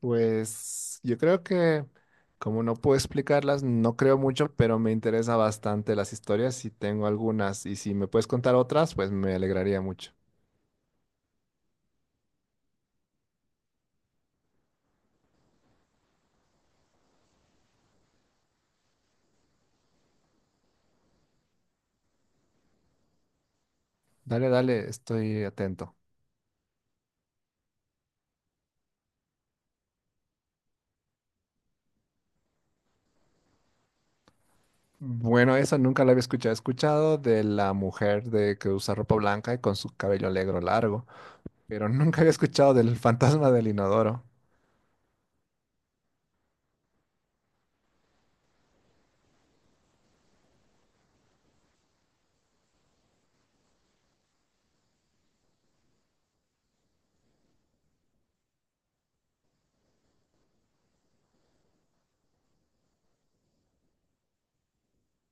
Pues yo creo que, como no puedo explicarlas, no creo mucho, pero me interesa bastante las historias y tengo algunas. Y si me puedes contar otras, pues me alegraría mucho. Dale, dale, estoy atento. Bueno, eso nunca lo había escuchado. He escuchado de la mujer de que usa ropa blanca y con su cabello negro largo, pero nunca había escuchado del fantasma del inodoro.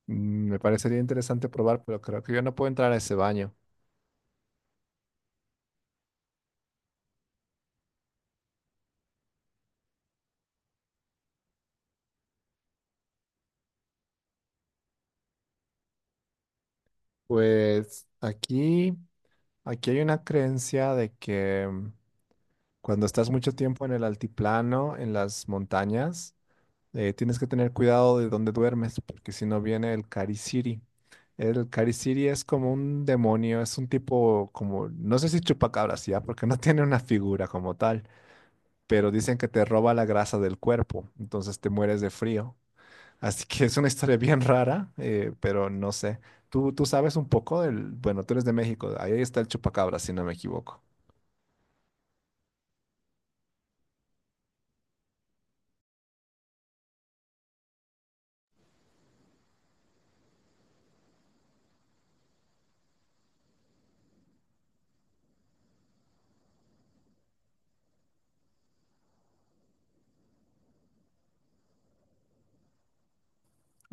Mm, me parecería interesante probar, pero creo que yo no puedo entrar a ese baño. Pues aquí, aquí hay una creencia de que cuando estás mucho tiempo en el altiplano, en las montañas, tienes que tener cuidado de dónde duermes, porque si no viene el Cariciri. El Cariciri es como un demonio, es un tipo como, no sé si chupacabras ya, porque no tiene una figura como tal, pero dicen que te roba la grasa del cuerpo, entonces te mueres de frío. Así que es una historia bien rara, pero no sé. Tú sabes un poco del, bueno, tú eres de México, ahí está el chupacabras, si no me equivoco.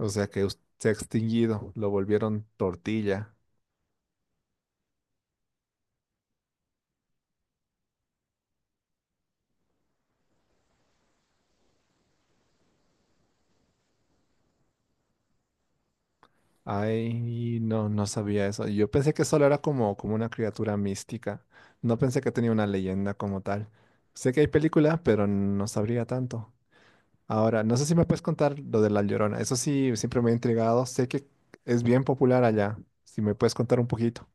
O sea que se ha extinguido, lo volvieron tortilla. Ay, no, no sabía eso. Yo pensé que solo era como, como una criatura mística. No pensé que tenía una leyenda como tal. Sé que hay película, pero no sabría tanto. Ahora, no sé si me puedes contar lo de La Llorona. Eso sí, siempre me ha intrigado. Sé que es bien popular allá. Si me puedes contar un poquito.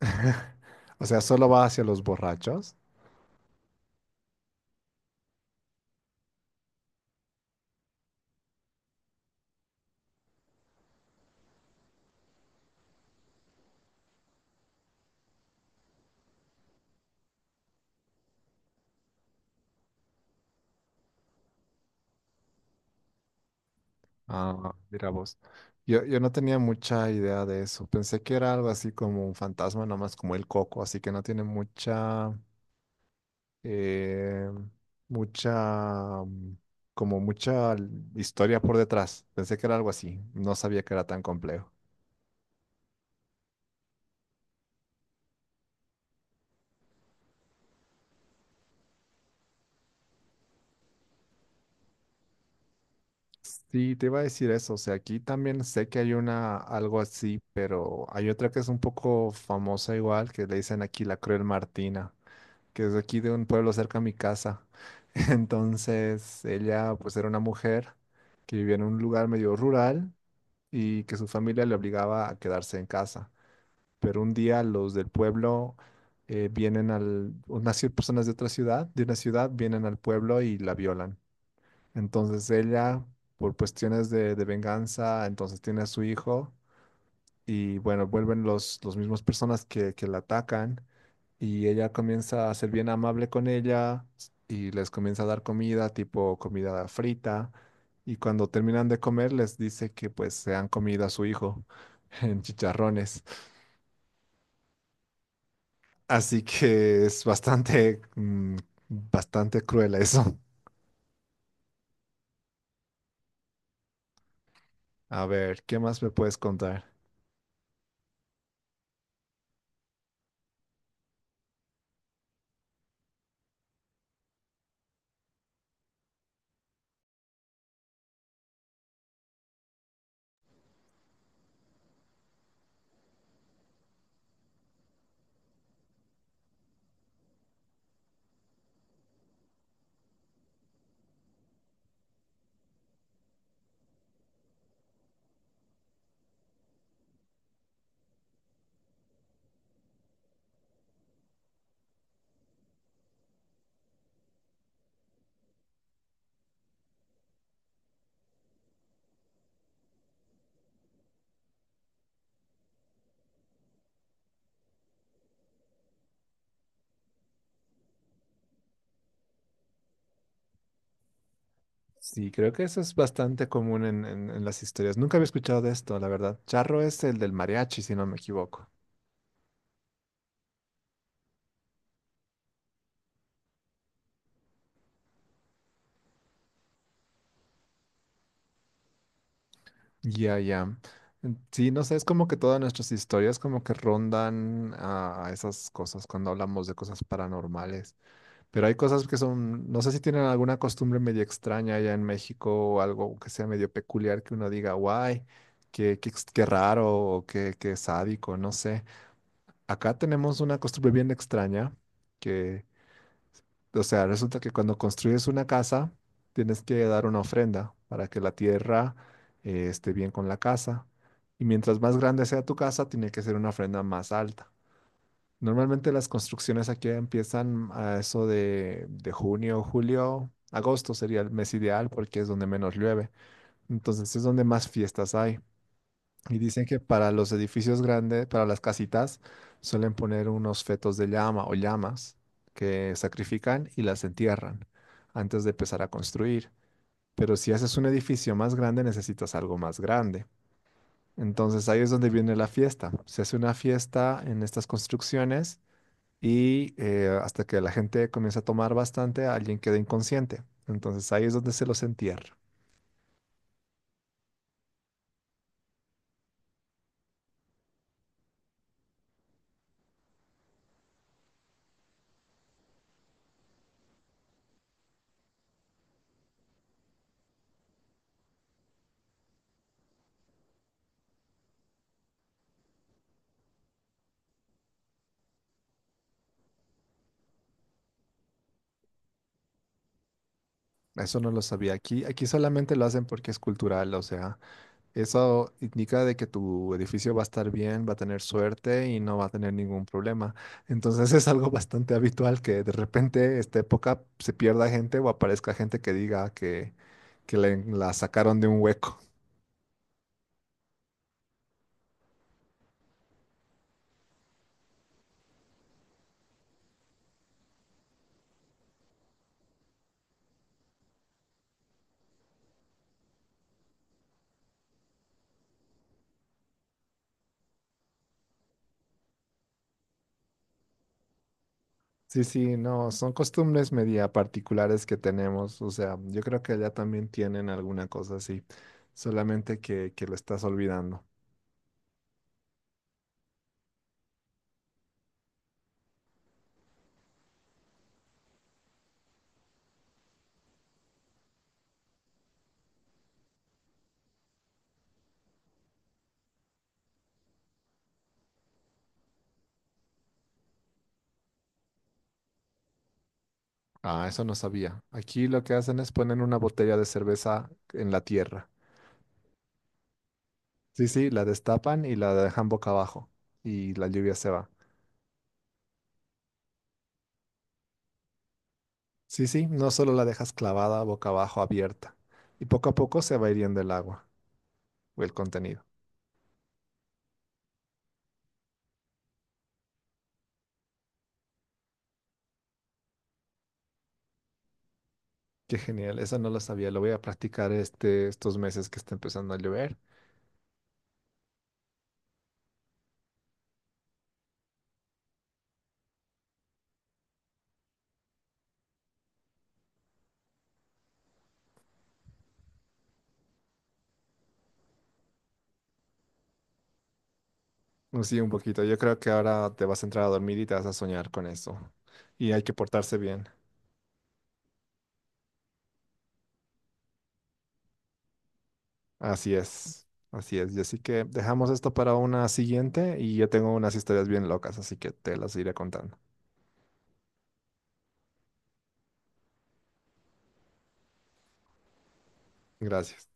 O sea, ¿solo va hacia los borrachos? Ah, mira vos. Yo no tenía mucha idea de eso. Pensé que era algo así como un fantasma, nomás como el coco, así que no tiene mucha, eh, mucha, como historia por detrás. Pensé que era algo así. No sabía que era tan complejo. Sí, te iba a decir eso. O sea, aquí también sé que hay una, algo así, pero hay otra que es un poco famosa igual, que le dicen aquí la Cruel Martina, que es de aquí de un pueblo cerca a mi casa. Entonces, ella pues era una mujer que vivía en un lugar medio rural y que su familia le obligaba a quedarse en casa. Pero un día los del pueblo vienen al, personas de otra ciudad, de una ciudad, vienen al pueblo y la violan. Entonces ella, por cuestiones de venganza, entonces tiene a su hijo y bueno, vuelven los mismos personas que la atacan y ella comienza a ser bien amable con ella y les comienza a dar comida, tipo comida frita, y cuando terminan de comer les dice que pues se han comido a su hijo en chicharrones. Así que es bastante, bastante cruel eso. A ver, ¿qué más me puedes contar? Sí, creo que eso es bastante común en, en las historias. Nunca había escuchado de esto, la verdad. Charro es el del mariachi, si no me equivoco. Ya, ya. Mm, sí, no sé, es como que todas nuestras historias como que rondan a esas cosas cuando hablamos de cosas paranormales. Pero hay cosas que son, no sé si tienen alguna costumbre medio extraña allá en México o algo que sea medio peculiar que uno diga, guay, qué, qué, qué raro o qué, qué sádico, no sé. Acá tenemos una costumbre bien extraña, o sea, resulta que cuando construyes una casa, tienes que dar una ofrenda para que la tierra esté bien con la casa. Y mientras más grande sea tu casa, tiene que ser una ofrenda más alta. Normalmente las construcciones aquí empiezan a eso de junio, julio, agosto sería el mes ideal porque es donde menos llueve. Entonces es donde más fiestas hay. Y dicen que para los edificios grandes, para las casitas, suelen poner unos fetos de llama o llamas que sacrifican y las entierran antes de empezar a construir. Pero si haces un edificio más grande, necesitas algo más grande. Entonces ahí es donde viene la fiesta. Se hace una fiesta en estas construcciones y hasta que la gente comienza a tomar bastante, alguien queda inconsciente. Entonces ahí es donde se los entierra. Eso no lo sabía aquí. Aquí solamente lo hacen porque es cultural, o sea. Eso indica de que tu edificio va a estar bien, va a tener suerte y no va a tener ningún problema. Entonces es algo bastante habitual que de repente esta época se pierda gente o aparezca gente que diga que, la sacaron de un hueco. Sí, sí, no, son costumbres media particulares que tenemos. O sea, yo creo que allá también tienen alguna cosa así, solamente que lo estás olvidando. Ah, eso no sabía. Aquí lo que hacen es poner una botella de cerveza en la tierra. Sí, sí, la destapan y la dejan boca abajo y la lluvia se va. Sí, sí, no solo la dejas clavada boca abajo abierta y poco a poco se va hiriendo el agua o el contenido. Qué genial, eso no lo sabía, lo voy a practicar este, estos meses que está empezando a llover. Mm, sí, un poquito, yo creo que ahora te vas a entrar a dormir y te vas a soñar con eso. Y hay que portarse bien. Así es, así es. Y así que dejamos esto para una siguiente y yo tengo unas historias bien locas, así que te las iré contando. Gracias.